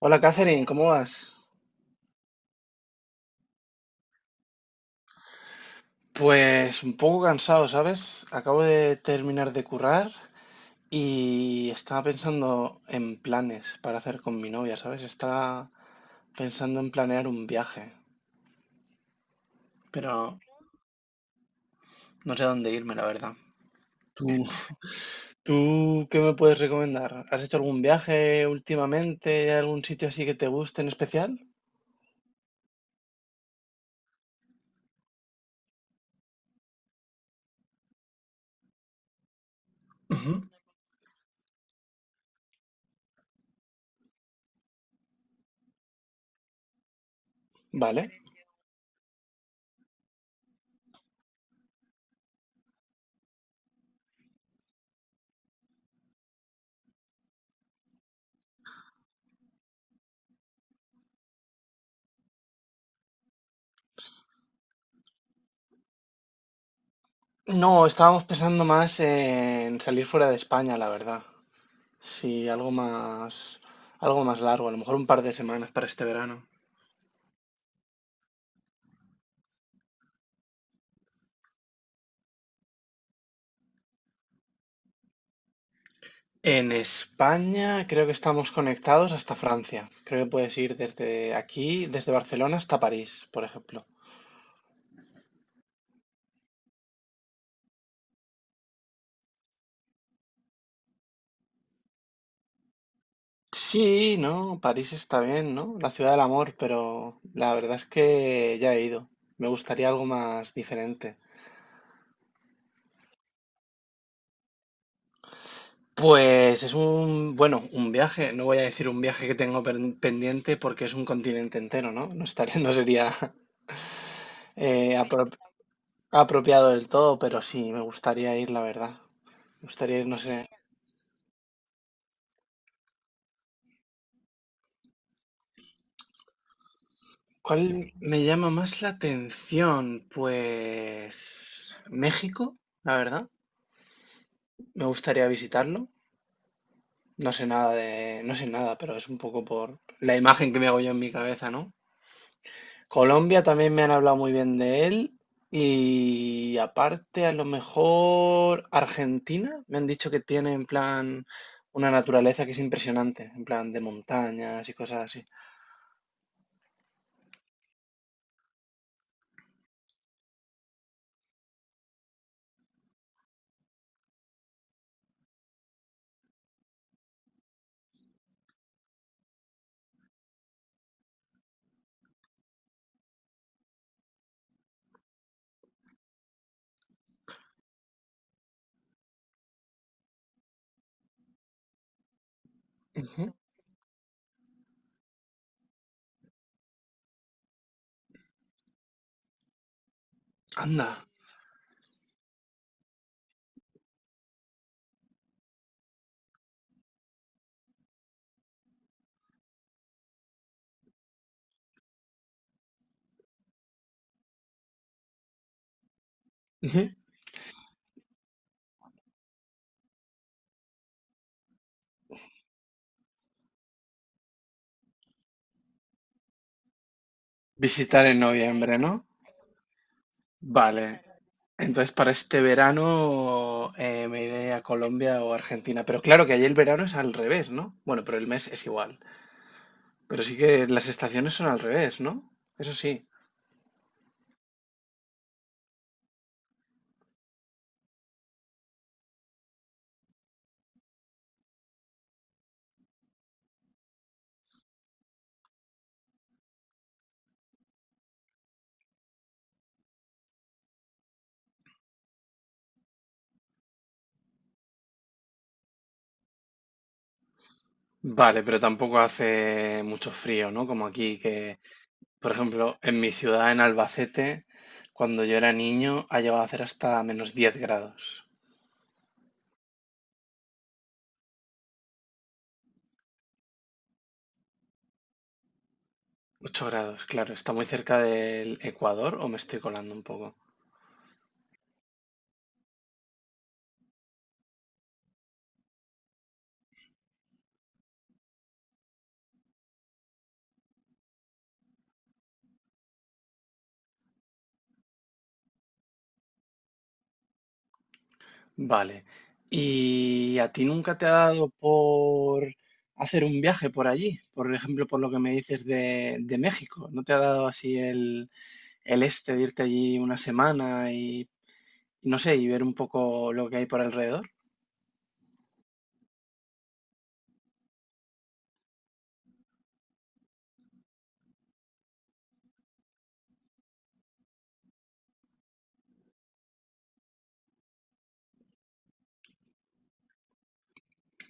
Hola Catherine, ¿cómo vas? Pues un poco cansado, ¿sabes? Acabo de terminar de currar y estaba pensando en planes para hacer con mi novia, ¿sabes? Estaba pensando en planear un viaje, pero no sé a dónde irme, la verdad. ¿Tú, tú qué me puedes recomendar? ¿Has hecho algún viaje últimamente? ¿Hay ¿Algún sitio así que te guste en especial? Ujú. Vale. No, estábamos pensando más en salir fuera de España, la verdad. Sí, algo más largo, a lo mejor un par de semanas para este verano. En España creo que estamos conectados hasta Francia. Creo que puedes ir desde aquí, desde Barcelona hasta París, por ejemplo. Sí, no, París está bien, ¿no? La ciudad del amor, pero la verdad es que ya he ido. Me gustaría algo más diferente. Pues es un, bueno, un viaje, no voy a decir un viaje que tengo pendiente porque es un continente entero, ¿no? No sería apro. Apropiado del todo, pero sí, me gustaría ir, la verdad. Me gustaría ir, no sé. ¿Cuál me llama más la atención? Pues México, la verdad. Me gustaría visitarlo. No sé nada, pero es un poco por la imagen que me hago yo en mi cabeza, ¿no? Colombia también me han hablado muy bien de él. Y aparte, a lo mejor Argentina, me han dicho que tiene en plan una naturaleza que es impresionante, en plan de montañas y cosas así. Anda. Ujú. Visitar en noviembre, ¿no? Vale. Entonces para este verano me iré a Colombia o Argentina. Pero claro que allí el verano es al revés, ¿no? Bueno, pero el mes es igual. Pero sí que las estaciones son al revés, ¿no? Eso sí. Vale, pero tampoco hace mucho frío, ¿no? Como aquí, que, por ejemplo, en mi ciudad, en Albacete, cuando yo era niño, ha llegado a hacer hasta -10 grados. 8 grados, claro. ¿Está muy cerca del Ecuador o me estoy colando un poco? Vale. ¿Y a ti nunca te ha dado por hacer un viaje por allí? Por ejemplo, por lo que me dices de México. ¿No te ha dado así el este de irte allí una semana y, no sé, y ver un poco lo que hay por alrededor?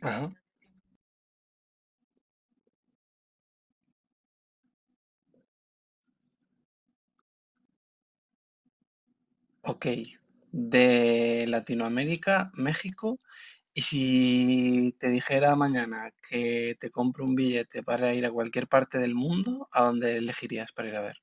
Ajá, ok. De Latinoamérica, México. Y si te dijera mañana que te compro un billete para ir a cualquier parte del mundo, ¿a dónde elegirías para ir a ver?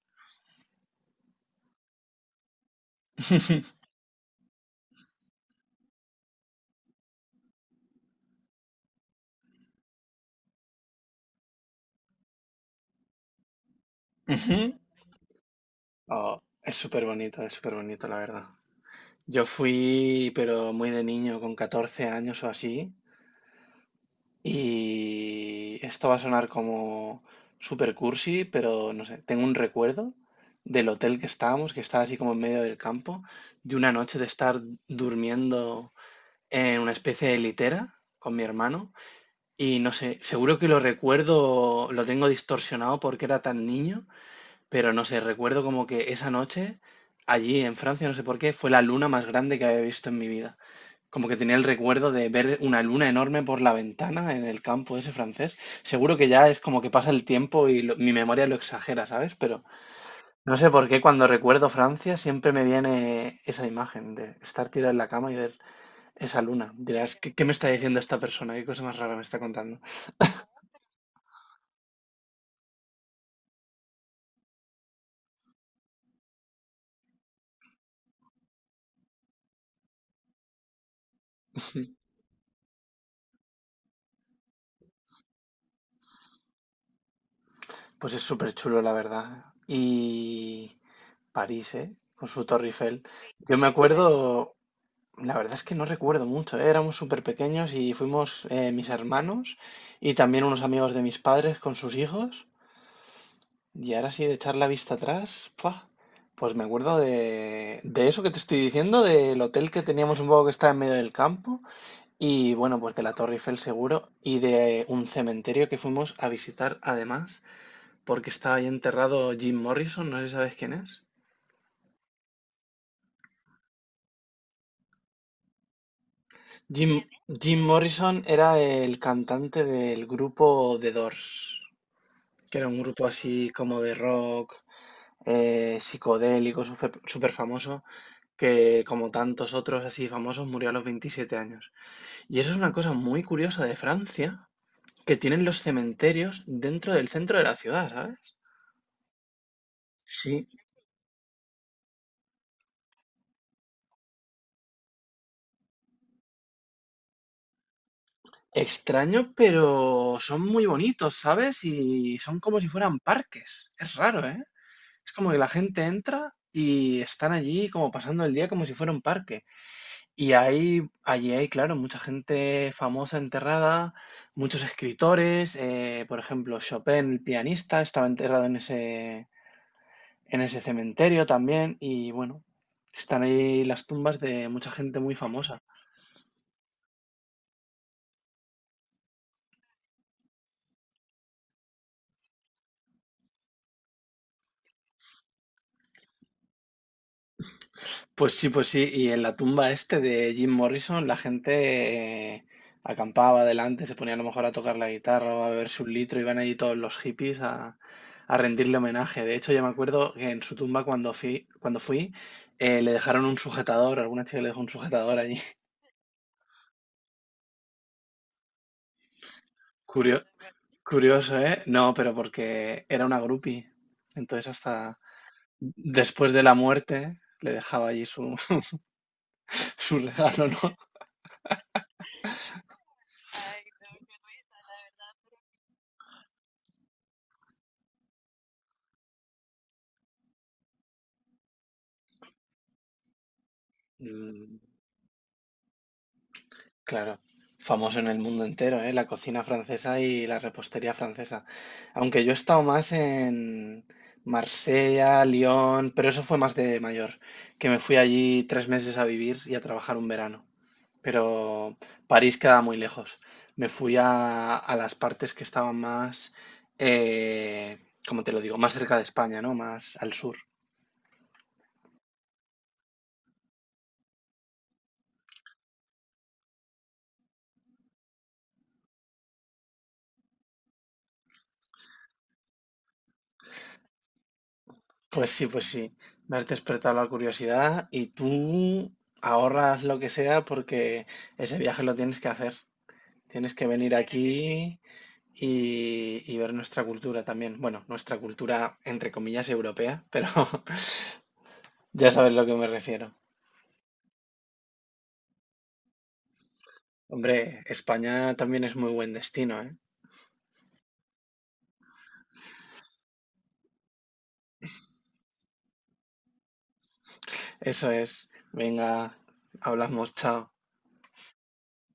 Oh, es súper bonito, la verdad. Yo fui, pero muy de niño, con 14 años o así, y esto va a sonar como súper cursi, pero no sé, tengo un recuerdo del hotel que estábamos, que estaba así como en medio del campo, de una noche de estar durmiendo en una especie de litera con mi hermano, y no sé, seguro que lo recuerdo, lo tengo distorsionado porque era tan niño, pero no sé, recuerdo como que esa noche, allí en Francia, no sé por qué, fue la luna más grande que había visto en mi vida. Como que tenía el recuerdo de ver una luna enorme por la ventana en el campo ese francés. Seguro que ya es como que pasa el tiempo y mi memoria lo exagera, ¿sabes? Pero no sé por qué cuando recuerdo Francia siempre me viene esa imagen de estar tirado en la cama y ver esa luna. Dirás, ¿qué me está diciendo esta persona? ¿Qué cosa más rara me está contando? Pues es súper chulo, la verdad. Y... París, ¿eh? Con su Torre Eiffel. Yo me acuerdo, la verdad es que no recuerdo mucho, ¿eh? Éramos súper pequeños y fuimos mis hermanos y también unos amigos de mis padres con sus hijos. Y ahora sí, de echar la vista atrás, ¡fua! Pues me acuerdo de eso que te estoy diciendo, del hotel que teníamos un poco que estaba en medio del campo y bueno, pues de la Torre Eiffel seguro y de un cementerio que fuimos a visitar además porque estaba ahí enterrado Jim Morrison, no sé si sabes quién es. Jim, Jim Morrison era el cantante del grupo The Doors, que era un grupo así como de rock, psicodélico, súper famoso, que como tantos otros así famosos murió a los 27 años. Y eso es una cosa muy curiosa de Francia, que tienen los cementerios dentro del centro de la ciudad, ¿sabes? Sí, extraño, pero son muy bonitos, ¿sabes? Y son como si fueran parques. Es raro, ¿eh? Es como que la gente entra y están allí como pasando el día como si fuera un parque. Y hay, claro, mucha gente famosa enterrada, muchos escritores, por ejemplo, Chopin, el pianista, estaba enterrado en ese cementerio también. Y bueno, están ahí las tumbas de mucha gente muy famosa. Pues sí, pues sí. Y en la tumba este de Jim Morrison, la gente acampaba delante, se ponía a lo mejor a tocar la guitarra o a beberse un litro, iban allí todos los hippies a rendirle homenaje. De hecho, yo me acuerdo que en su tumba cuando fui le dejaron un sujetador, alguna chica le dejó un sujetador allí. Curio- curioso, ¿eh? No, pero porque era una groupie. Entonces hasta después de la muerte le dejaba allí su, su regalo, ¿no? Mm. Claro, famoso en el mundo entero, ¿eh? La cocina francesa y la repostería francesa. Aunque yo he estado más en Marsella, Lyon, pero eso fue más de mayor, que me fui allí 3 meses a vivir y a trabajar un verano. Pero París queda muy lejos. A las partes que estaban más, eh, como te lo digo, más cerca de España, ¿no? Más al sur. Pues sí, me has despertado la curiosidad y tú ahorras lo que sea porque ese viaje lo tienes que hacer. Tienes que venir aquí y ver nuestra cultura también. Bueno, nuestra cultura entre comillas europea, pero ya sabes a lo que me refiero. Hombre, España también es muy buen destino, ¿eh? Eso es. Venga, hablamos, chao.